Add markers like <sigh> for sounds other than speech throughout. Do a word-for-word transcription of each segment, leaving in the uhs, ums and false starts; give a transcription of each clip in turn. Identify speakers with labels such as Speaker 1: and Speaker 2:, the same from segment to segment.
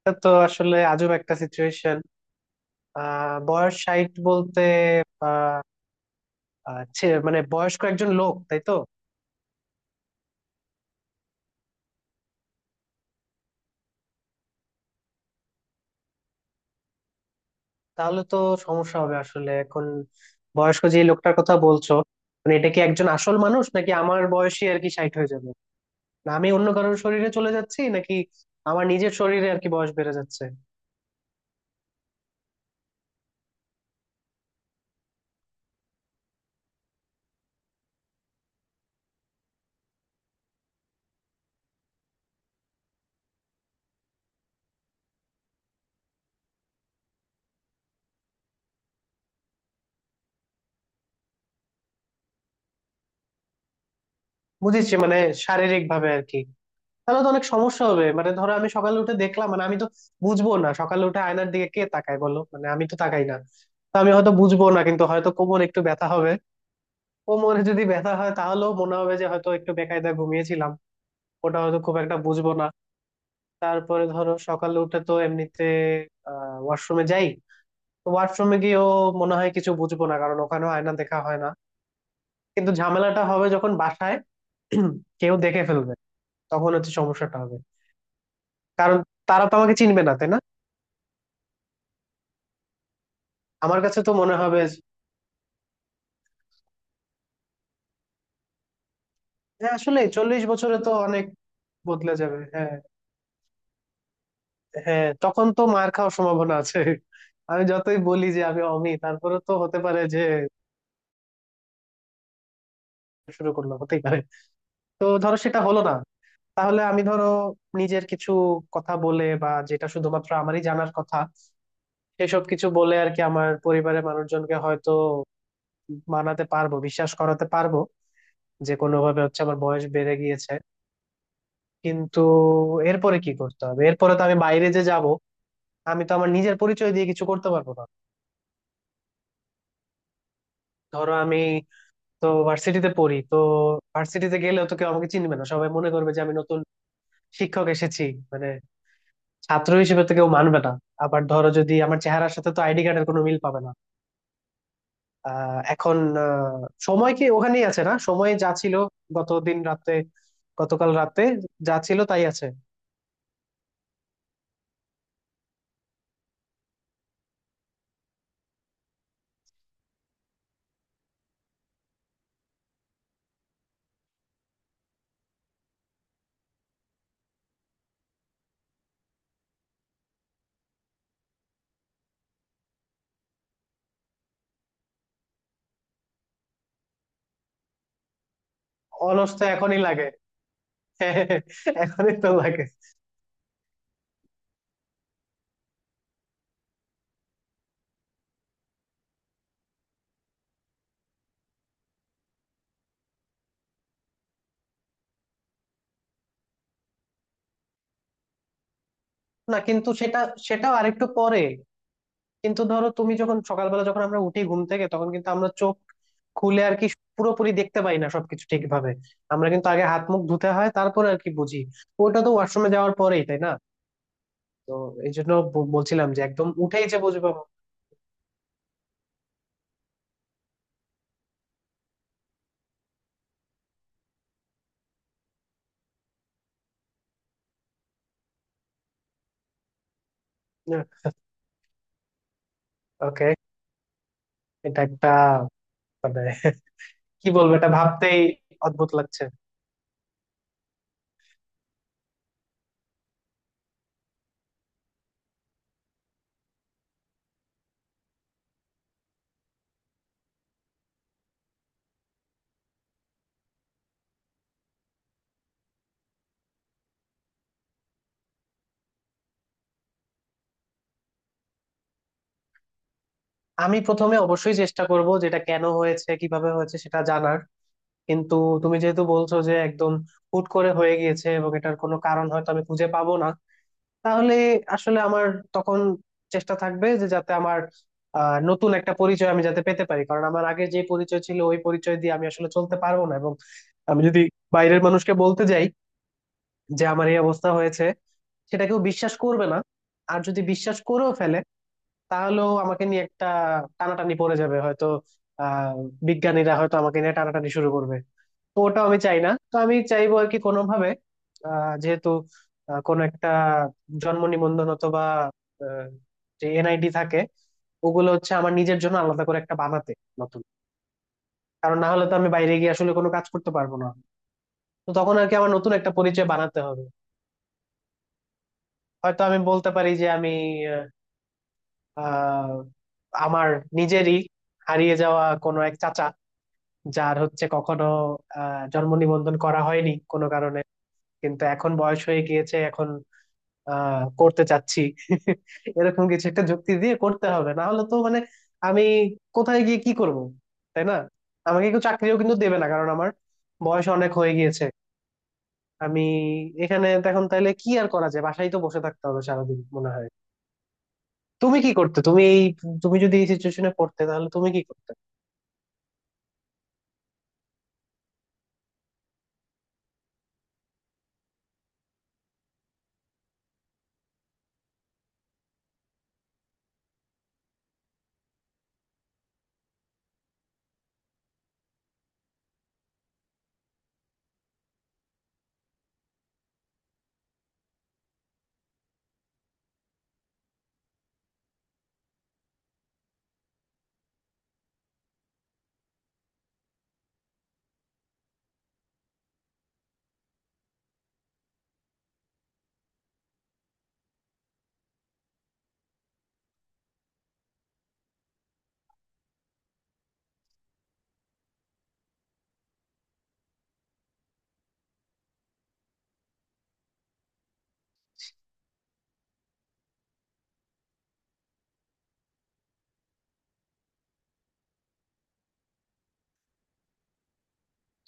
Speaker 1: এটা তো আসলে আজব একটা সিচুয়েশন। আহ বয়স ষাট বলতে আহ, আহ, ছে- মানে বয়স্ক একজন লোক, তাই তো? তাহলে তো সমস্যা হবে আসলে। এখন বয়স্ক যে লোকটার কথা বলছো, মানে এটা কি একজন আসল মানুষ নাকি আমার বয়সী আর কি ষাট হয়ে যাবে? না আমি অন্য কারোর শরীরে চলে যাচ্ছি নাকি আমার নিজের শরীরে আর কি বয়স বেড়ে যাচ্ছে? বুঝেছি, মানে শারীরিক ভাবে আর কি। তাহলে তো অনেক সমস্যা হবে। মানে ধরো আমি সকালে উঠে দেখলাম, মানে আমি তো বুঝবো না। সকালে উঠে আয়নার দিকে কে তাকায় বলো, মানে আমি তো তাকাই না। তো আমি হয়তো বুঝবো না, কিন্তু হয়তো কোমর একটু ব্যথা হবে। কোমরে যদি ব্যথা হয় তাহলেও মনে হবে যে হয়তো একটু বেকায়দা ঘুমিয়েছিলাম, ওটা হয়তো খুব একটা বুঝবো না। তারপরে ধরো সকালে উঠে তো এমনিতে আহ ওয়াশরুমে যাই। তো ওয়াশরুমে গিয়েও মনে হয় কিছু বুঝবো না, কারণ ওখানেও আয়না দেখা হয় না। কিন্তু ঝামেলাটা হবে যখন বাসায় <clears throat> কেউ দেখে ফেলবে, তখন হচ্ছে সমস্যাটা হবে। কারণ তারা তো আমাকে চিনবে না, তাই না? আমার কাছে তো মনে হবে যে, হ্যাঁ আসলে চল্লিশ বছরে তো অনেক বদলে যাবে। হ্যাঁ, হ্যাঁ, তখন তো মার খাওয়ার সম্ভাবনা আছে। আমি যতই বলি যে আমি অমি, তারপরে তো হতে পারে যে শুরু করলো, হতেই পারে। তো ধরো সেটা হলো না, তাহলে আমি ধরো নিজের কিছু কথা বলে, বা যেটা শুধুমাত্র আমারই জানার কথা সেসব কিছু বলে আর কি, আমার পরিবারের মানুষজনকে হয়তো মানাতে পারবো, বিশ্বাস করাতে পারবো যে কোনো ভাবে হচ্ছে আমার বয়স বেড়ে গিয়েছে। কিন্তু এরপরে কি করতে হবে? এরপরে তো আমি বাইরে যে যাব, আমি তো আমার নিজের পরিচয় দিয়ে কিছু করতে পারবো না। ধরো আমি তো ভার্সিটিতে পড়ি, তো ভার্সিটিতে গেলেও তো কেউ আমাকে চিনবে না, সবাই মনে করবে যে আমি নতুন শিক্ষক এসেছি। মানে ছাত্র হিসেবে তো কেউ মানবে না। আবার ধরো, যদি আমার চেহারার সাথে তো আইডি কার্ডের কোনো মিল পাবে না। আহ এখন আহ, সময় কি ওখানেই আছে, না সময় যা ছিল গত দিন রাতে, গতকাল রাতে, যা ছিল তাই আছে? অলস তো এখনই লাগে। <laughs> এখনই তো লাগে। না, কিন্তু সেটা, সেটাও আরেকটু পরে। কিন্তু ধরো তুমি যখন সকালবেলা, যখন আমরা উঠি ঘুম থেকে, তখন কিন্তু আমরা চোখ খুলে আর কি পুরোপুরি দেখতে পাই না সবকিছু ঠিকভাবে। আমরা কিন্তু আগে হাত মুখ ধুতে হয়, তারপরে আর কি বুঝি। ওটা তো ওয়াশরুমে যাওয়ার পরেই, তাই না? তো এই জন্য ব- বলছিলাম যে একদম উঠেই যে বুঝবো। ওকে। <laughs> এটা একটা, মানে <laughs> কি বলবো, এটা ভাবতেই অদ্ভুত লাগছে। আমি প্রথমে অবশ্যই চেষ্টা করব যেটা কেন হয়েছে, কিভাবে হয়েছে সেটা জানার। কিন্তু তুমি যেহেতু বলছো যে একদম হুট করে হয়ে গিয়েছে, এবং এটার কোনো কারণ হয়তো আমি খুঁজে পাবো না, তাহলে আসলে আমার তখন চেষ্টা থাকবে যে যাতে আমার আহ, নতুন একটা পরিচয় আমি যাতে পেতে পারি, কারণ আমার আগে যে পরিচয় ছিল ওই পরিচয় দিয়ে আমি আসলে চলতে পারবো না। এবং আমি যদি বাইরের মানুষকে বলতে যাই যে আমার এই অবস্থা হয়েছে, সেটা কেউ বিশ্বাস করবে না। আর যদি বিশ্বাস করেও ফেলে, তাহলেও আমাকে নিয়ে একটা টানাটানি পড়ে যাবে হয়তো। আহ বিজ্ঞানীরা হয়তো আমাকে নিয়ে টানাটানি শুরু করবে। তো ওটাও আমি চাই না। তো আমি চাইবো আর কি, কোনোভাবে, আহ, যেহেতু আহ, কোনো একটা জন্ম নিবন্ধন অথবা আহ, যে এনআইডি থাকে, ওগুলো হচ্ছে আমার নিজের জন্য আলাদা করে একটা বানাতে, নতুন। কারণ না হলে তো আমি বাইরে গিয়ে আসলে কোনো কাজ করতে পারবো না। তো তখন আর কি আমার নতুন একটা পরিচয় বানাতে হবে। হয়তো আমি বলতে পারি যে আমি, আহ আমার নিজেরই হারিয়ে যাওয়া কোনো এক চাচা, যার হচ্ছে কখনো আহ জন্ম নিবন্ধন করা হয়নি কোনো কারণে, কিন্তু এখন বয়স হয়ে গিয়েছে, এখন আহ করতে চাচ্ছি। <laughs> এরকম কিছু একটা যুক্তি দিয়ে করতে হবে, না হলে তো মানে আমি কোথায় গিয়ে কি করব, তাই না? আমাকে কেউ চাকরিও কিন্তু দেবে না, কারণ আমার বয়স অনেক হয়ে গিয়েছে। আমি এখানে তো এখন তাইলে কি আর করা যায়, বাসায় তো বসে থাকতে হবে সারাদিন মনে হয়। তুমি কি করতে, তুমি এই, তুমি যদি এই সিচুয়েশনে পড়তে তাহলে তুমি কি করতে?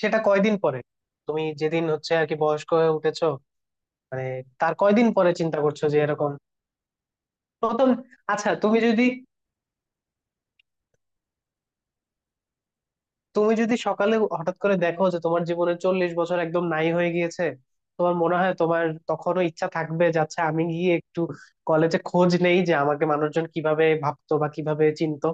Speaker 1: সেটা কয়দিন পরে? তুমি যেদিন হচ্ছে আর কি বয়স্ক হয়ে উঠেছো, মানে তার কয়দিন পরে চিন্তা করছো যে এরকম? প্রথম? আচ্ছা তুমি যদি, তুমি যদি সকালে হঠাৎ করে দেখো যে তোমার জীবনের চল্লিশ বছর একদম নাই হয়ে গিয়েছে, তোমার মনে হয় তোমার তখনও ইচ্ছা থাকবে যাচ্ছে আমি গিয়ে একটু কলেজে খোঁজ নেই যে আমাকে মানুষজন কিভাবে ভাবতো বা কিভাবে চিনতো?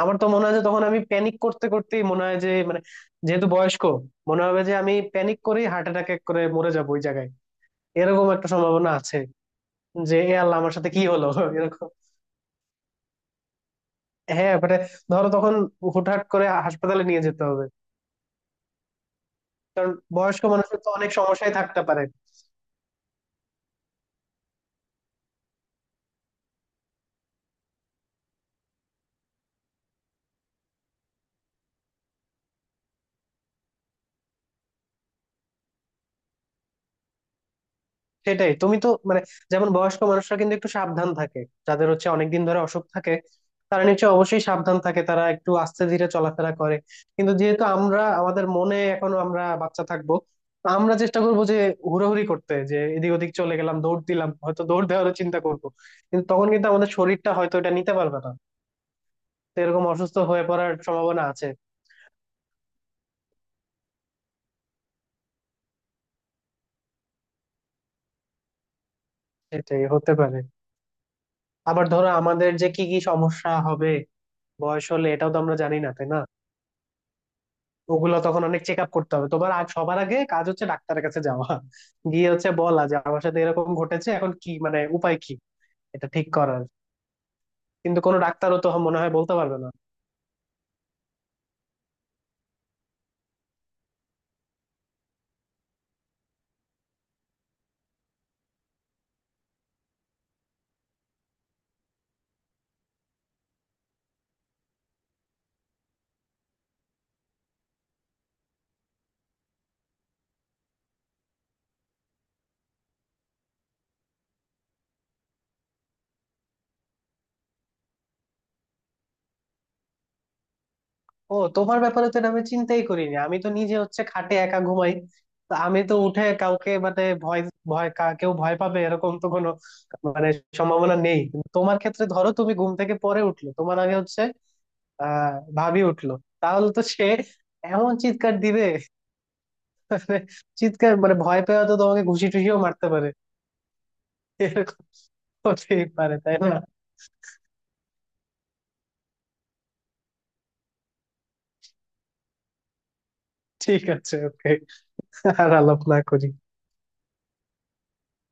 Speaker 1: আমার তো মনে হয় যে তখন আমি প্যানিক করতে করতেই মনে হয় যে মানে, যেহেতু বয়স্ক, মনে হবে যে আমি প্যানিক করেই হার্ট অ্যাটাক করে মরে যাবো ওই জায়গায়। এরকম একটা সম্ভাবনা আছে যে এ আল্লাহ আমার সাথে কি হলো। <laughs> এরকম, হ্যাঁ মানে ধরো তখন হুটহাট করে হাসপাতালে নিয়ে যেতে হবে, কারণ বয়স্ক মানুষের তো অনেক সমস্যাই থাকতে পারে। সেটাই, তুমি তো মানে, যেমন বয়স্ক মানুষরা কিন্তু একটু সাবধান থাকে, যাদের হচ্ছে অনেকদিন ধরে অসুখ থাকে তারা নিশ্চয়ই অবশ্যই সাবধান থাকে, তারা একটু আস্তে ধীরে চলাফেরা করে। কিন্তু যেহেতু আমরা আমাদের মনে এখনো আমরা বাচ্চা থাকবো, তো আমরা চেষ্টা করবো যে হুড়োহুড়ি করতে, যে এদিক ওদিক চলে গেলাম, দৌড় দিলাম, হয়তো দৌড় দেওয়ারও চিন্তা করবো। কিন্তু তখন কিন্তু আমাদের শরীরটা হয়তো এটা নিতে পারবে না। তো এরকম অসুস্থ হয়ে পড়ার সম্ভাবনা আছে। সেটাই হতে পারে। আবার ধরো আমাদের যে কি কি সমস্যা হবে বয়স হলে, এটাও তো আমরা জানি না, তাই না? ওগুলো তখন অনেক চেক আপ করতে হবে তোমার। আগ, সবার আগে কাজ হচ্ছে ডাক্তারের কাছে যাওয়া, গিয়ে হচ্ছে বলা যে আমার সাথে এরকম ঘটেছে, এখন কি মানে উপায় কি এটা ঠিক করার। কিন্তু কোনো ডাক্তারও তো মনে হয় বলতে পারবে না। ও, তোমার ব্যাপারে তো এটা আমি চিন্তাই করিনি। আমি তো নিজে হচ্ছে খাটে একা ঘুমাই, তো আমি তো উঠে কাউকে মানে ভয় ভয়, কা- কেউ ভয় পাবে এরকম তো কোনো মানে সম্ভাবনা নেই। কিন্তু তোমার ক্ষেত্রে ধরো, তুমি ঘুম থেকে পরে উঠলো, তোমার আগে হচ্ছে আহ ভাবি উঠলো, তাহলে তো সে এমন চিৎকার দিবে, মানে চিৎকার মানে ভয় পেয়ে তো তোমাকে ঘুষি টুষিও মারতে পারে, এরকম হতেই পারে, তাই না? ঠিক আছে, ওকে, আর আলাপ না করি।